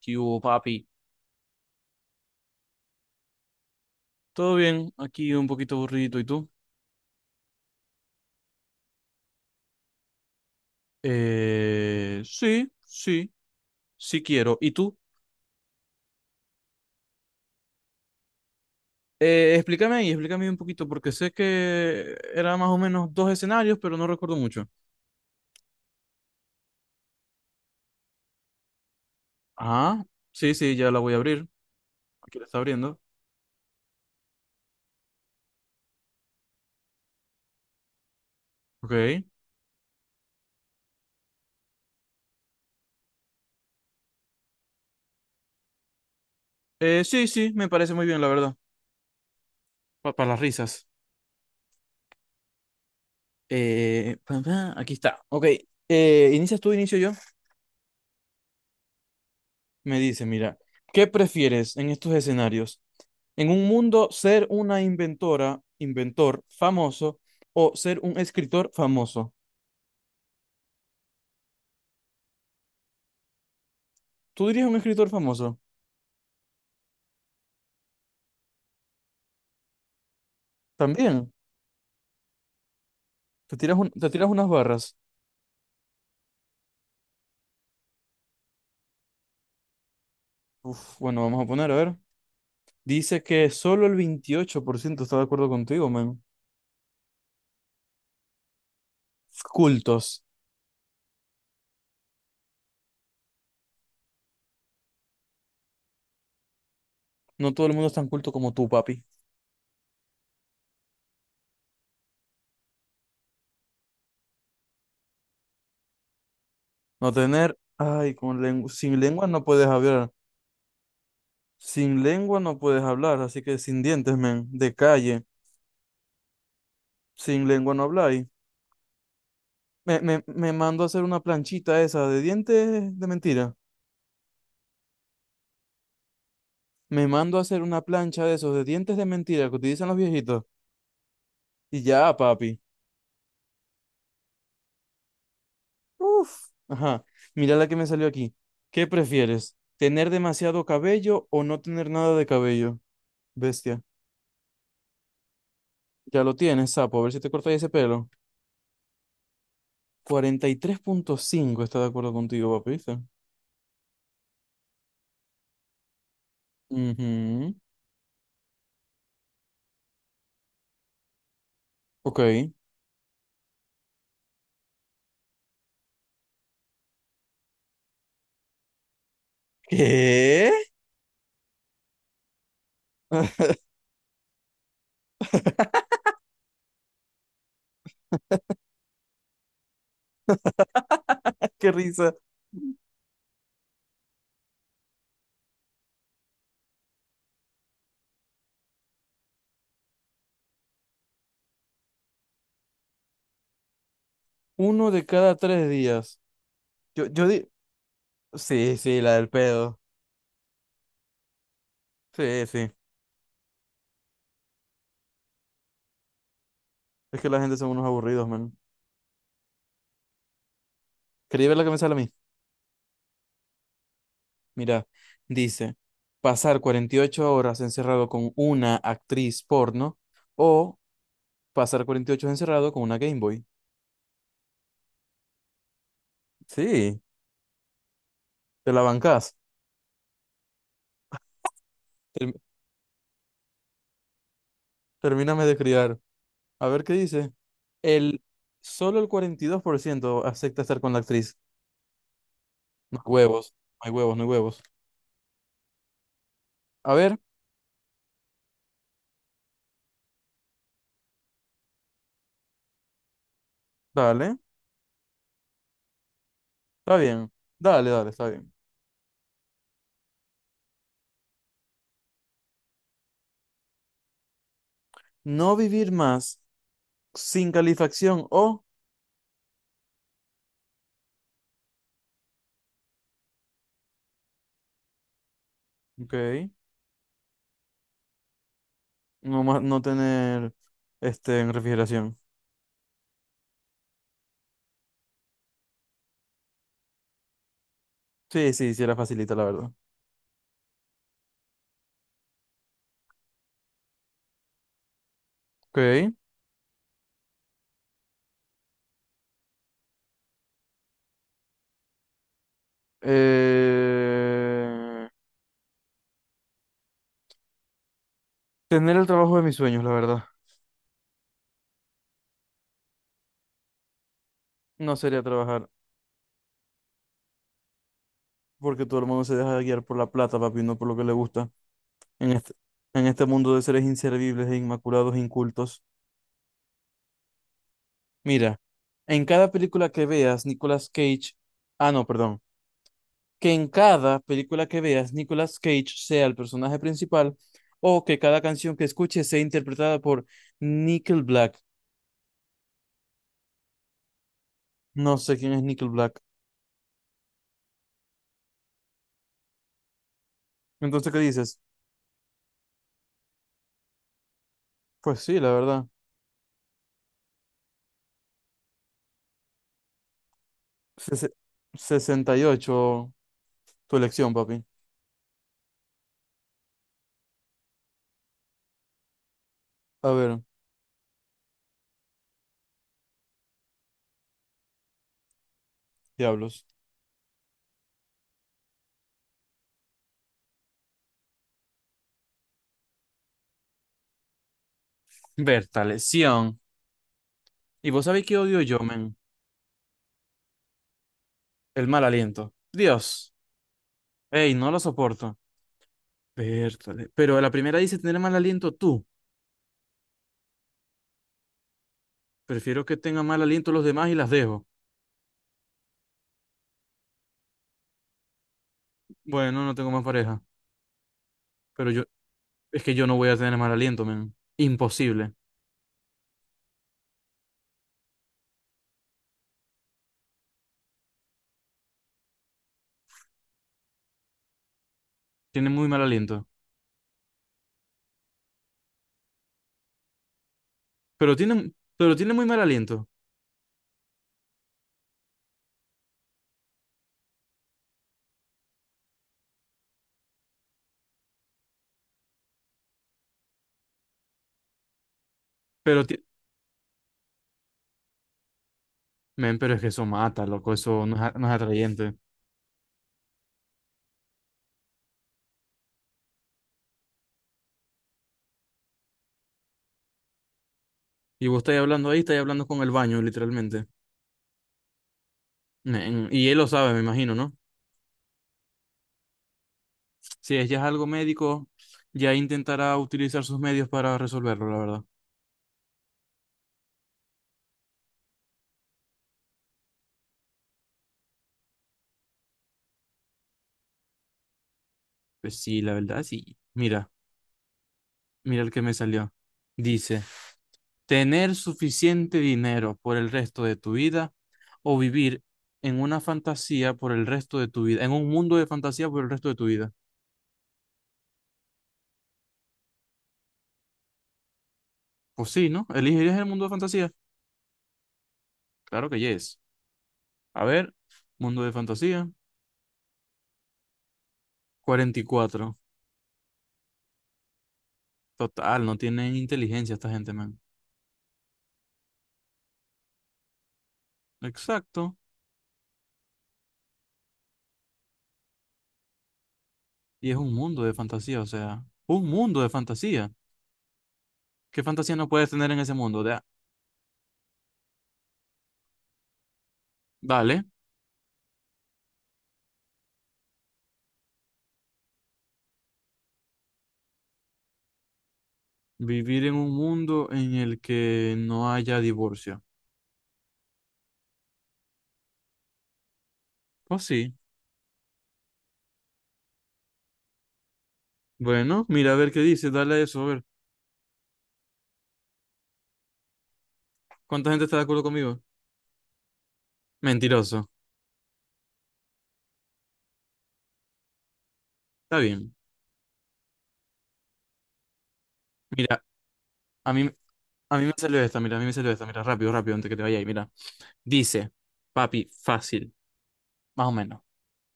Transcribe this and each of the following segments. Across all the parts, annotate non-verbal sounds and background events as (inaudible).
¿Qué hubo, papi? ¿Todo bien? Aquí un poquito aburrido. ¿Y tú? Sí, sí, sí quiero. ¿Y tú? Explícame ahí, explícame un poquito, porque sé que era más o menos dos escenarios, pero no recuerdo mucho. Ah, sí, sí, ya la voy a abrir. Aquí la está abriendo. Ok. Sí, sí, me parece muy bien, la verdad. Para las risas. Aquí está. Ok. ¿Inicias tú, inicio yo? Me dice, mira, ¿qué prefieres en estos escenarios? En un mundo, ser una inventor famoso o ser un escritor famoso. ¿Tú dirías un escritor famoso? También. Te tiras te tiras unas barras. Uf, bueno, vamos a poner, a ver. Dice que solo el 28% está de acuerdo contigo, man. Cultos. No todo el mundo es tan culto como tú, papi. No tener, ay, con lengua, sin lengua no puedes hablar. Sin lengua no puedes hablar, así que sin dientes, men, de calle. Sin lengua no habláis. Me mando a hacer una planchita esa de dientes de mentira. Me mando a hacer una plancha de esos de dientes de mentira que utilizan los viejitos. Y ya, papi. Uf. Ajá. Mira la que me salió aquí. ¿Qué prefieres? ¿Tener demasiado cabello o no tener nada de cabello? Bestia. Ya lo tienes, sapo. A ver si te cortas ese pelo. 43,5 está de acuerdo contigo, papi. ¿Viste? Ujú. Ok. ¿Qué? (laughs) Qué risa. Uno de cada tres días. Yo, yo, di- Sí, sí, la del pedo. Sí, sí. Es que la gente son unos aburridos, man. Quería ver la que me sale a mí. Mira, dice, pasar 48 horas encerrado con una actriz porno o pasar 48 horas encerrado con una Game Boy. Sí, te la bancás. Term- termíname de criar. A ver qué dice. El, solo el 42% acepta estar con la actriz. No hay huevos, no hay huevos, no hay huevos. A ver, dale, está bien. Dale, dale, está bien. No vivir más sin calefacción o, ok, no, no tener este, en refrigeración. Sí, sí, sí, era facilita, la verdad. Ok. Eh, tener el trabajo de mis sueños, la verdad. No sería trabajar, porque todo el mundo se deja guiar por la plata, papi, no por lo que le gusta. En este, en este mundo de seres inservibles e inmaculados, e incultos. Mira, en cada película que veas, Nicolas Cage. Ah, no, perdón. Que en cada película que veas Nicolas Cage sea el personaje principal o que cada canción que escuches sea interpretada por Nickel Black. No sé quién es Nickel Black. Entonces, ¿qué dices? Pues sí, la verdad. Ses- 68 tu elección, papi. A ver, diablos. Bertaleción. ¿Y vos sabéis qué odio yo, men? El mal aliento. Dios. Ey, no lo soporto. Bertale. Pero la primera dice tener mal aliento tú. Prefiero que tengan mal aliento los demás y las dejo. Bueno, no tengo más pareja. Pero yo, es que yo no voy a tener mal aliento, men. Imposible. Tiene muy mal aliento. Pero tiene muy mal aliento. Pero ti- men, pero es que eso mata, loco. Eso no es, no es atrayente. Y vos estáis hablando ahí, estáis hablando con el baño, literalmente. Men, y él lo sabe, me imagino, ¿no? Si es ya es algo médico, ya intentará utilizar sus medios para resolverlo, la verdad. Pues sí, la verdad, sí. Mira, mira el que me salió. Dice, tener suficiente dinero por el resto de tu vida o vivir en una fantasía por el resto de tu vida, en un mundo de fantasía por el resto de tu vida. Pues sí, ¿no? ¿Elegirías el mundo de fantasía? Claro que yes. A ver, mundo de fantasía, 44. Total, no tienen inteligencia esta gente, man. Exacto. Y es un mundo de fantasía, o sea, un mundo de fantasía. ¿Qué fantasía no puedes tener en ese mundo? De dale, vivir en un mundo en el que no haya divorcio. Pues sí, bueno, mira, a ver qué dice, dale a eso, a ver. ¿Cuánta gente está de acuerdo conmigo? Mentiroso. Está bien. Mira, a mí, a mí me salió esta, mira, a mí me salió esta, mira, rápido, rápido, antes que te vaya ahí, mira. Dice, papi, fácil, más o menos.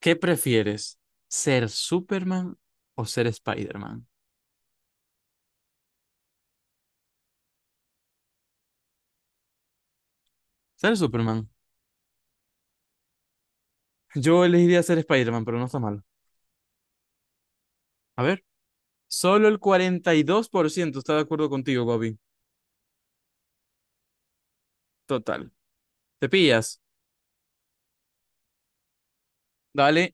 ¿Qué prefieres? ¿Ser Superman o ser Spider-Man? Ser Superman. Yo elegiría ser Spider-Man, pero no está mal. A ver, solo el 42% está de acuerdo contigo, Bobby. Total. ¿Te pillas? Dale.